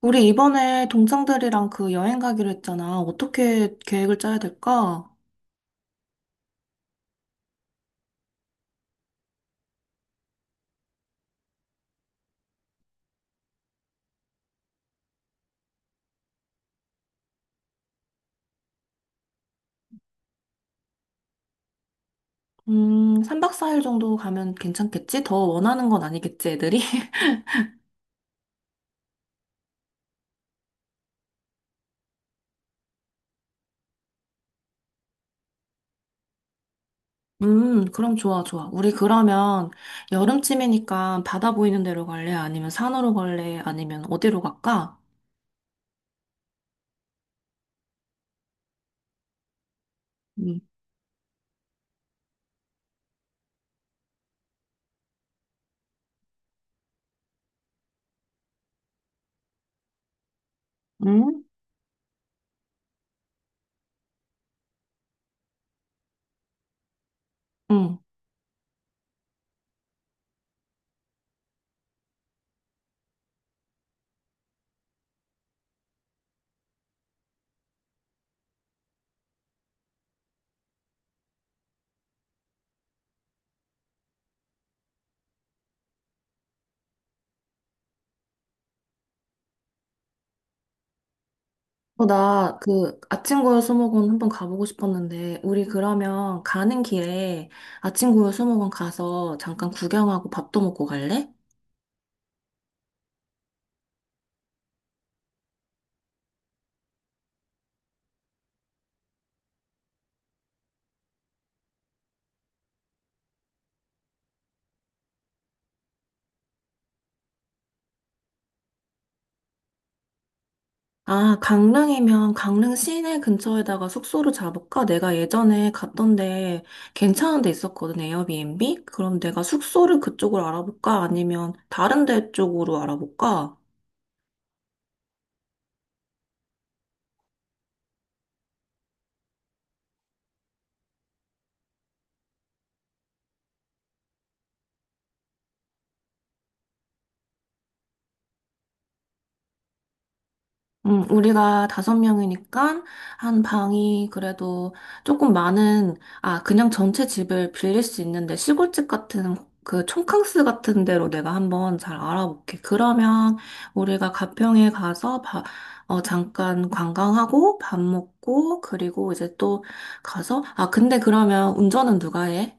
우리 이번에 동창들이랑 그 여행 가기로 했잖아. 어떻게 계획을 짜야 될까? 3박 4일 정도 가면 괜찮겠지? 더 원하는 건 아니겠지, 애들이? 그럼 좋아, 좋아. 우리 그러면 여름쯤이니까 바다 보이는 데로 갈래? 아니면 산으로 갈래? 아니면 어디로 갈까? 음. 응? 응. 아침고요 수목원 한번 가보고 싶었는데, 우리 그러면 가는 길에 아침고요 수목원 가서 잠깐 구경하고 밥도 먹고 갈래? 아, 강릉이면 강릉 시내 근처에다가 숙소를 잡을까? 내가 예전에 갔던데 괜찮은 데 있었거든, 에어비앤비? 그럼 내가 숙소를 그쪽으로 알아볼까? 아니면 다른 데 쪽으로 알아볼까? 우리가 다섯 명이니까 한 방이 그래도 조금 그냥 전체 집을 빌릴 수 있는데 시골집 같은 그 촌캉스 같은 데로 내가 한번 잘 알아볼게. 그러면 우리가 가평에 가서 잠깐 관광하고 밥 먹고 그리고 이제 또 근데 그러면 운전은 누가 해?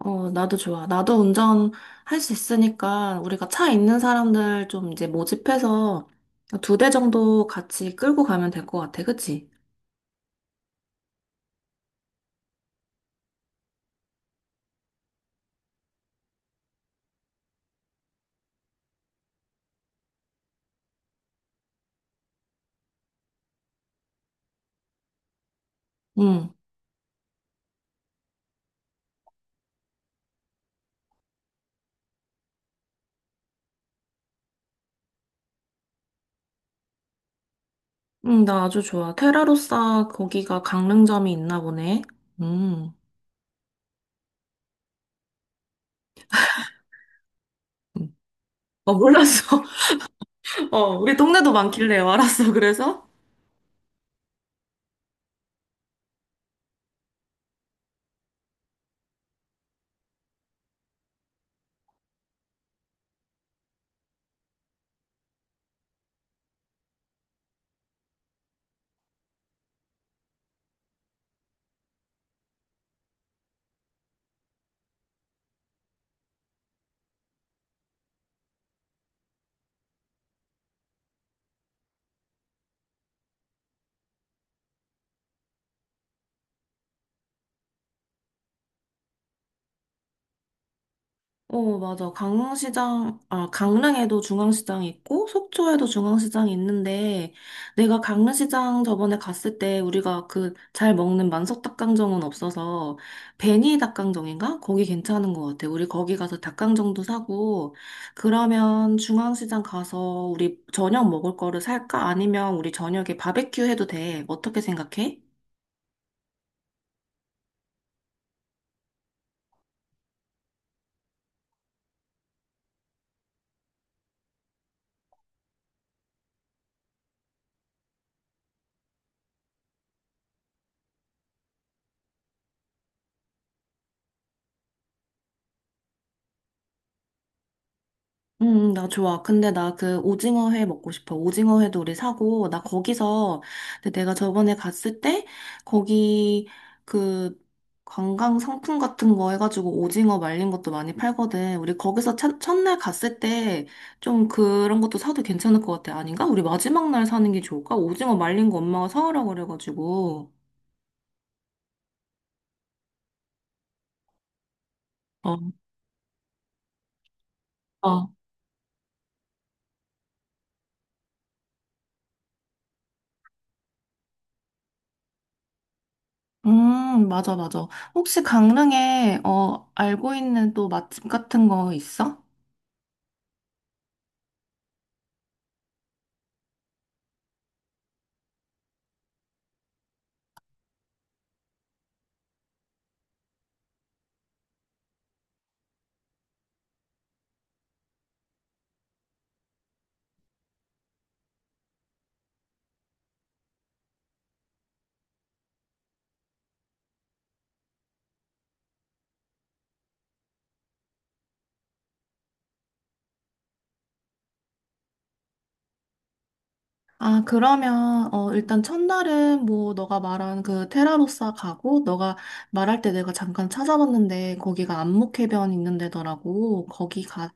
어, 나도 좋아. 나도 운전할 수 있으니까 우리가 차 있는 사람들 좀 이제 모집해서 2대 정도 같이 끌고 가면 될 것 같아. 그치? 응, 응, 나 아주 좋아. 테라로사 거기가 강릉점이 있나 보네. 음. 음. 어, 몰랐어. 어, 우리 동네도 많길래 알았어. 그래서? 어, 맞아. 강릉시장, 아, 강릉에도 중앙시장이 있고, 속초에도 중앙시장이 있는데, 내가 강릉시장 저번에 갔을 때 우리가 그 잘 먹는 만석닭강정은 없어서, 베니 닭강정인가? 거기 괜찮은 것 같아. 우리 거기 가서 닭강정도 사고, 그러면 중앙시장 가서 우리 저녁 먹을 거를 살까? 아니면 우리 저녁에 바베큐 해도 돼. 어떻게 생각해? 나 좋아. 근데 나 그 오징어 회 먹고 싶어. 오징어 회도 우리 사고, 나 거기서, 근데 내가 저번에 갔을 때, 거기 그 관광 상품 같은 거 해가지고 오징어 말린 것도 많이 팔거든. 우리 거기서 첫날 갔을 때 좀 그런 것도 사도 괜찮을 것 같아. 아닌가? 우리 마지막 날 사는 게 좋을까? 오징어 말린 거 엄마가 사오라고 그래가지고. 어, 어. 맞아, 맞아. 혹시 강릉에, 어, 알고 있는 또 맛집 같은 거 있어? 일단 첫날은 뭐, 너가 말한 그 테라로사 가고, 너가 말할 때 내가 잠깐 찾아봤는데, 거기가 안목해변 있는 데더라고.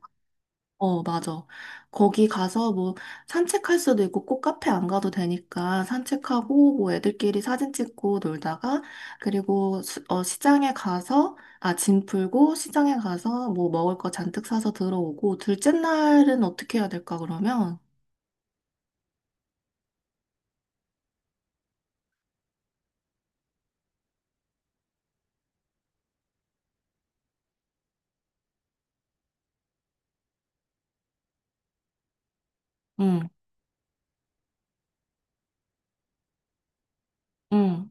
어, 맞아. 거기 가서 뭐, 산책할 수도 있고, 꼭 카페 안 가도 되니까, 산책하고, 뭐, 애들끼리 사진 찍고 놀다가, 시장에 가서, 아, 짐 풀고, 시장에 가서 뭐, 먹을 거 잔뜩 사서 들어오고, 둘째 날은 어떻게 해야 될까, 그러면? 응, 응.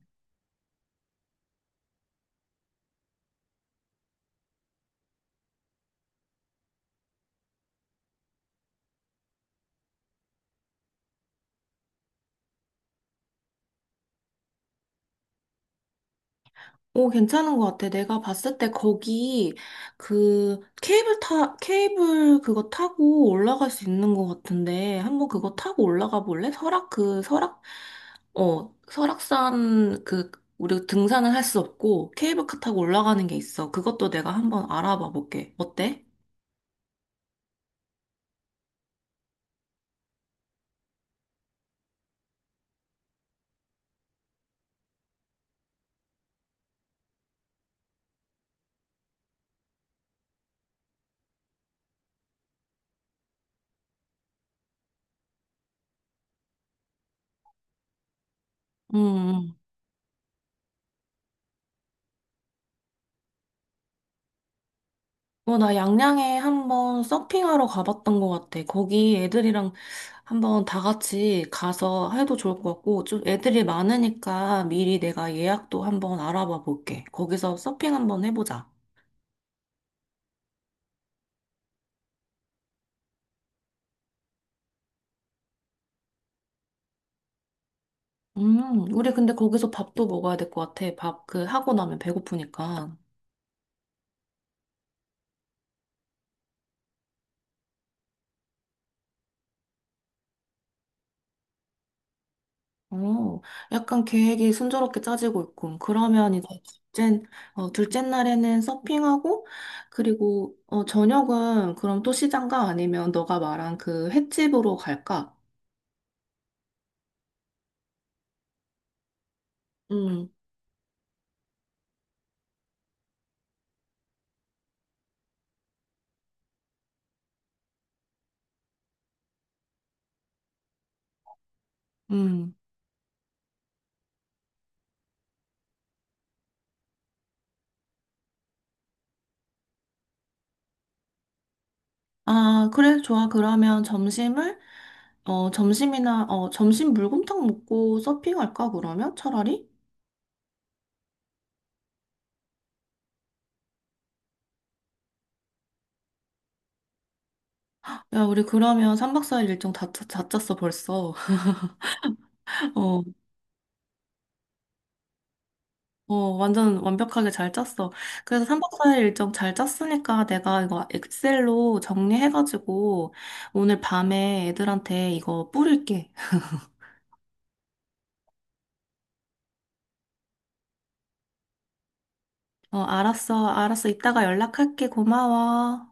오, 괜찮은 것 같아. 내가 봤을 때 거기 그 케이블 그거 타고 올라갈 수 있는 것 같은데 한번 그거 타고 올라가 볼래? 설악산 그 우리 등산을 할 수 없고 케이블카 타고 올라가는 게 있어. 그것도 내가 한번 알아봐 볼게. 어때? 음. 음. 어, 나 양양에 한번 서핑하러 가봤던 것 같아. 거기 애들이랑 한번 다 같이 가서 해도 좋을 것 같고, 좀 애들이 많으니까 미리 내가 예약도 한번 알아봐 볼게. 거기서 서핑 한번 해보자. 우리 근데 거기서 밥도 먹어야 될 것 같아. 밥 그 하고 나면 배고프니까. 어, 약간 계획이 순조롭게 짜지고 있군. 그러면 이제 둘째, 둘째 날에는 서핑하고, 저녁은 그럼 또 시장가 아니면 너가 말한 그 횟집으로 갈까? 음, 음. 아, 그래, 좋아. 그러면 점심을, 어, 점심이나, 어, 점심 물곰탕 먹고 서핑할까, 그러면? 차라리? 야, 우리 그러면 3박 4일 일정 다 짰어, 벌써. 어, 어, 완전 완벽하게 잘 짰어. 그래서 3박 4일 일정 잘 짰으니까 내가 이거 엑셀로 정리해가지고 오늘 밤에 애들한테 이거 뿌릴게. 어, 알았어, 알았어. 이따가 연락할게. 고마워.